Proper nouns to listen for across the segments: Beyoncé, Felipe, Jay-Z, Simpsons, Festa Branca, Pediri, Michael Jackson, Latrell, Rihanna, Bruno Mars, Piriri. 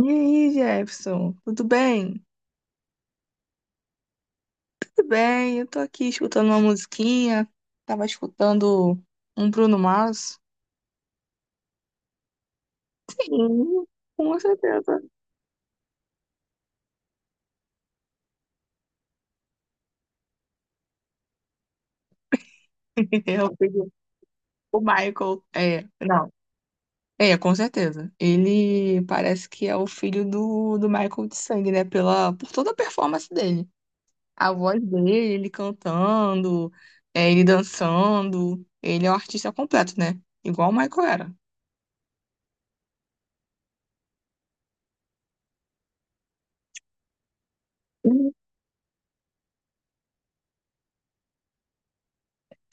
E aí, Jefferson, tudo bem? Tudo bem, eu tô aqui escutando uma musiquinha, tava escutando um Bruno Mars. Sim, com certeza. Eu pedi o Michael, é, não, é, com certeza. Ele parece que é o filho do Michael de sangue, né? Por toda a performance dele. A voz dele, ele cantando, é, ele dançando. Ele é um artista completo, né? Igual o Michael era.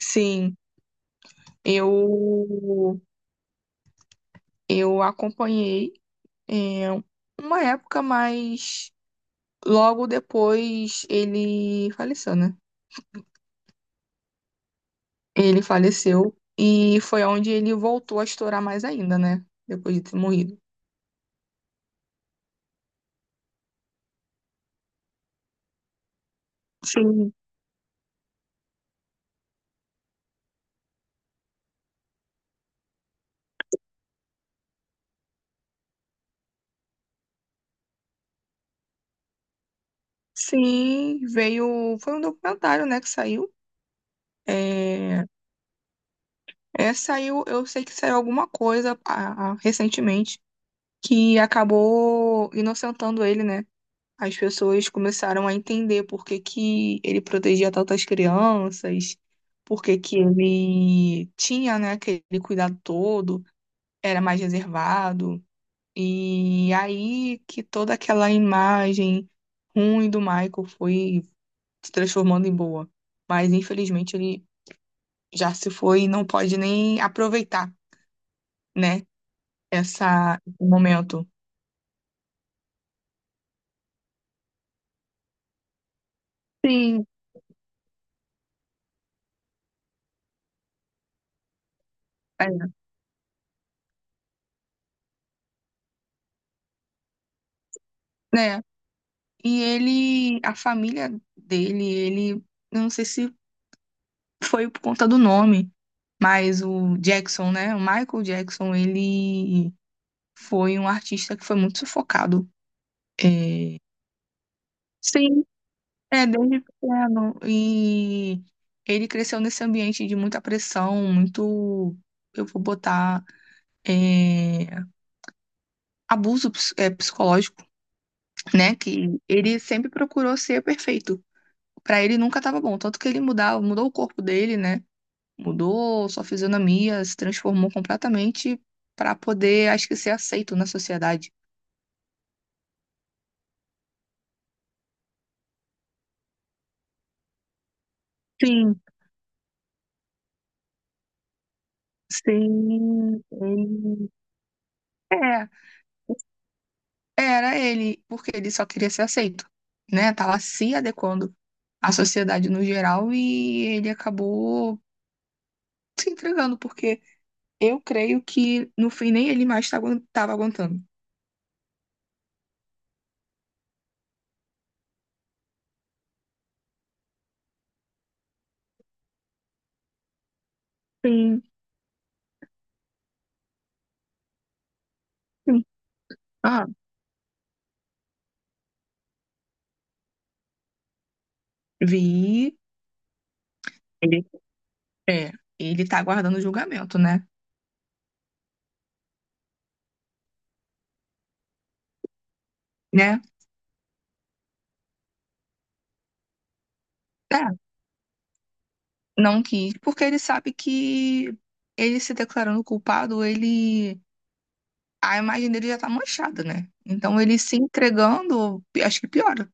Sim, eu Eu acompanhei é, uma época, mas logo depois ele faleceu, né? Ele faleceu e foi onde ele voltou a estourar mais ainda, né? Depois de ter morrido. Sim. Sim, veio. Foi um documentário, né, que saiu. É, é, saiu, eu sei que saiu alguma coisa, recentemente, que acabou inocentando ele, né? As pessoas começaram a entender por que que ele protegia tantas crianças, por que que ele tinha, né, aquele cuidado todo, era mais reservado. E aí que toda aquela imagem ruim do Michael foi se transformando em boa. Mas infelizmente ele já se foi e não pode nem aproveitar, né, esse momento. Sim, é, né? E ele, a família dele, ele, eu não sei se foi por conta do nome, mas o Jackson, né? O Michael Jackson, ele foi um artista que foi muito sufocado. É. Sim. É, desde pequeno. E ele cresceu nesse ambiente de muita pressão, muito, eu vou botar, é, abuso psicológico, né? Que ele sempre procurou ser perfeito. Pra ele nunca tava bom, tanto que ele mudou o corpo dele, né? Mudou sua fisionomia, se transformou completamente para poder, acho que, ser aceito na sociedade. Sim, sim. É, era ele, porque ele só queria ser aceito, né? Tava se adequando à sociedade no geral e ele acabou se entregando, porque eu creio que no fim nem ele mais tava tava aguentando. Sim, sim. Ah, vi. Ele, é, ele tá aguardando o julgamento, né? Né? É. Não quis, porque ele sabe que ele se declarando culpado, ele a imagem dele já tá manchada, né? Então ele se entregando, acho que piora.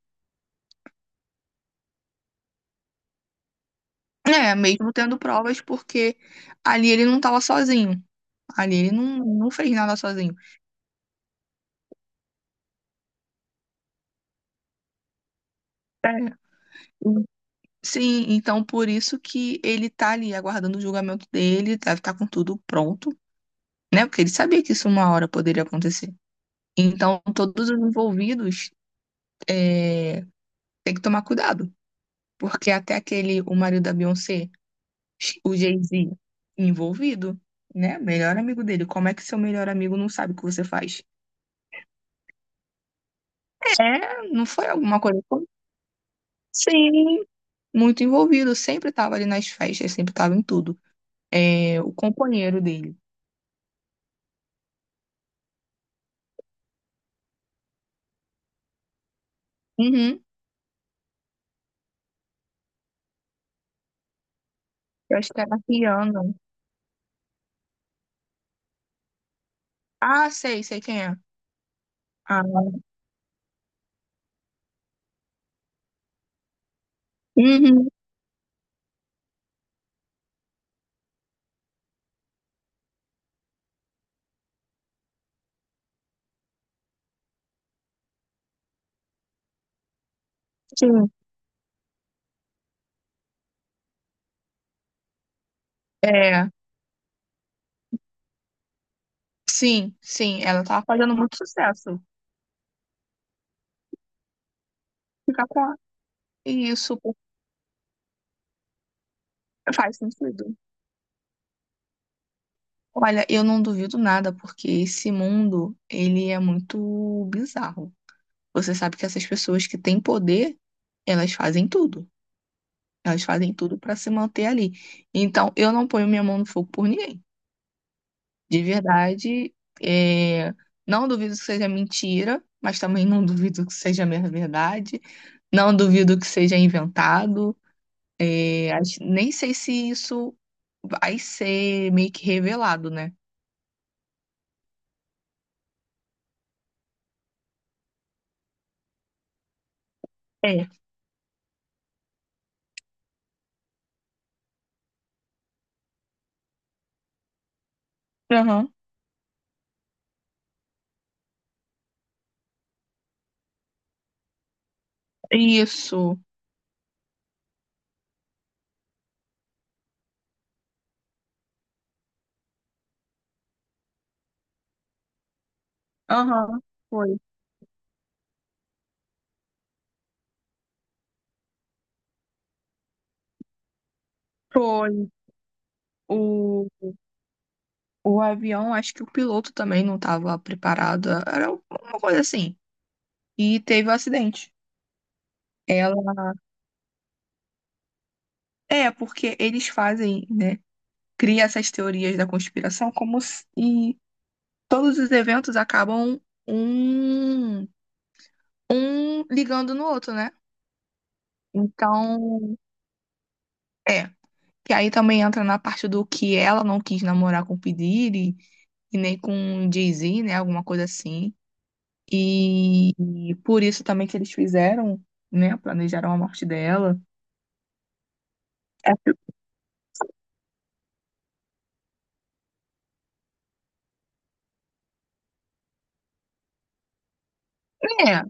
É, mesmo tendo provas, porque ali ele não tava sozinho. Ali ele não, não fez nada sozinho. É. Sim, então por isso que ele tá ali aguardando o julgamento dele, deve estar com tudo pronto, né? Porque ele sabia que isso uma hora poderia acontecer. Então todos os envolvidos é, têm que tomar cuidado. Porque até aquele, o marido da Beyoncé, o Jay-Z, envolvido, né? Melhor amigo dele. Como é que seu melhor amigo não sabe o que você faz? É, não foi alguma coisa. Sim, muito envolvido. Sempre estava ali nas festas, sempre estava em tudo. É, o companheiro dele. Uhum. Eu acho que era Rihanna. Ah, sei quem é. Ah, uhum, sim. É, sim, sim. Ela tava fazendo muito sucesso. Ficar com ela. E isso faz sentido. Olha, eu não duvido nada, porque esse mundo, ele é muito bizarro. Você sabe que essas pessoas que têm poder, elas fazem tudo. Elas fazem tudo para se manter ali. Então, eu não ponho minha mão no fogo por ninguém. De verdade, é, não duvido que seja mentira, mas também não duvido que seja minha verdade. Não duvido que seja inventado. É, nem sei se isso vai ser meio que revelado, né? É. Aham. Isso. Aham, foi. Foi. O, o avião, acho que o piloto também não estava preparado. Era uma coisa assim. E teve o acidente. Ela. É, porque eles fazem, né? Cria essas teorias da conspiração como se e todos os eventos acabam um, ligando no outro, né? Então, é. Que aí também entra na parte do que ela não quis namorar com o Pediri e nem com o Jay-Z, né? Alguma coisa assim. E, e por isso também que eles fizeram, né? Planejaram a morte dela. É, é,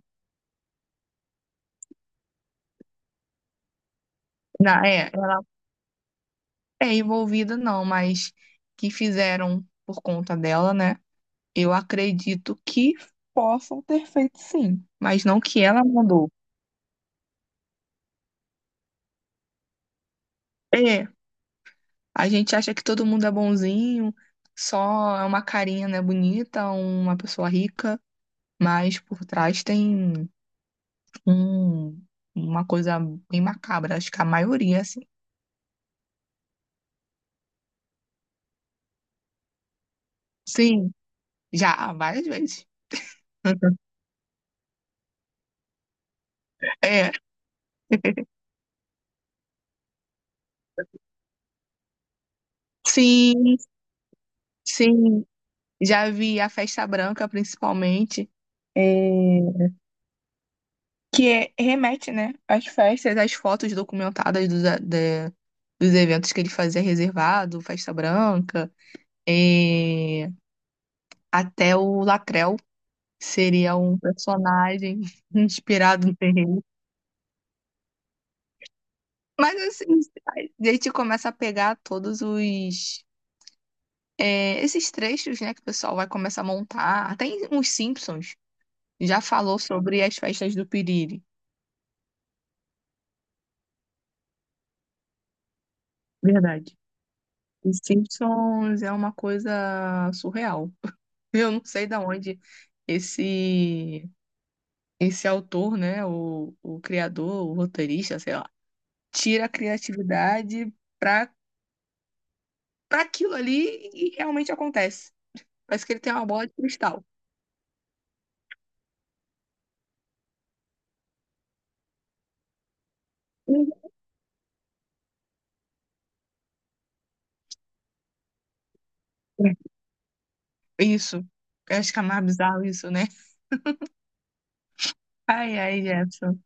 ela é envolvida, não, mas que fizeram por conta dela, né? Eu acredito que possam ter feito sim, mas não que ela mandou. É, a gente acha que todo mundo é bonzinho, só é uma carinha, né, bonita, uma pessoa rica, mas por trás tem um, uma coisa bem macabra, acho que a maioria, assim. Sim. Já, várias vezes. É, sim, sim. Já vi a Festa Branca, principalmente, é, que remete, né, às festas, às fotos documentadas dos eventos que ele fazia reservado, Festa Branca, é, até o Latrell seria um personagem inspirado no terreno. Mas, assim, a gente começa a pegar todos os esses trechos, né, que o pessoal vai começar a montar, até os Simpsons já falou sobre as festas do Piriri. Verdade. Os Simpsons é uma coisa surreal. Eu não sei da onde esse esse autor, né, o criador, o roteirista, sei lá, tira a criatividade para para aquilo ali e realmente acontece. Parece que ele tem uma bola de cristal. Isso. Eu acho que é mais bizarro isso, né? Ai, ai, Jefferson.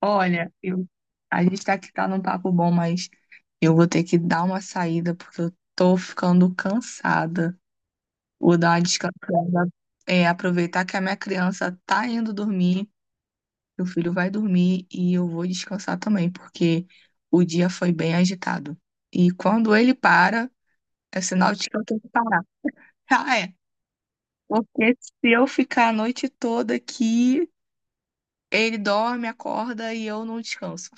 Olha, a gente tá aqui, tá num papo bom, mas eu vou ter que dar uma saída porque eu tô ficando cansada. Vou dar uma descansada, aproveitar que a minha criança tá indo dormir, meu filho vai dormir e eu vou descansar também, porque o dia foi bem agitado. E quando ele para, é sinal de que eu tenho que parar. Ah, é. Porque se eu ficar a noite toda aqui, ele dorme, acorda e eu não descanso.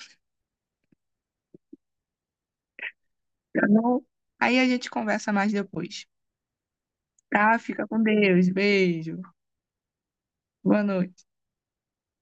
Tá bom? Aí a gente conversa mais depois. Tá? Fica com Deus. Beijo. Boa noite.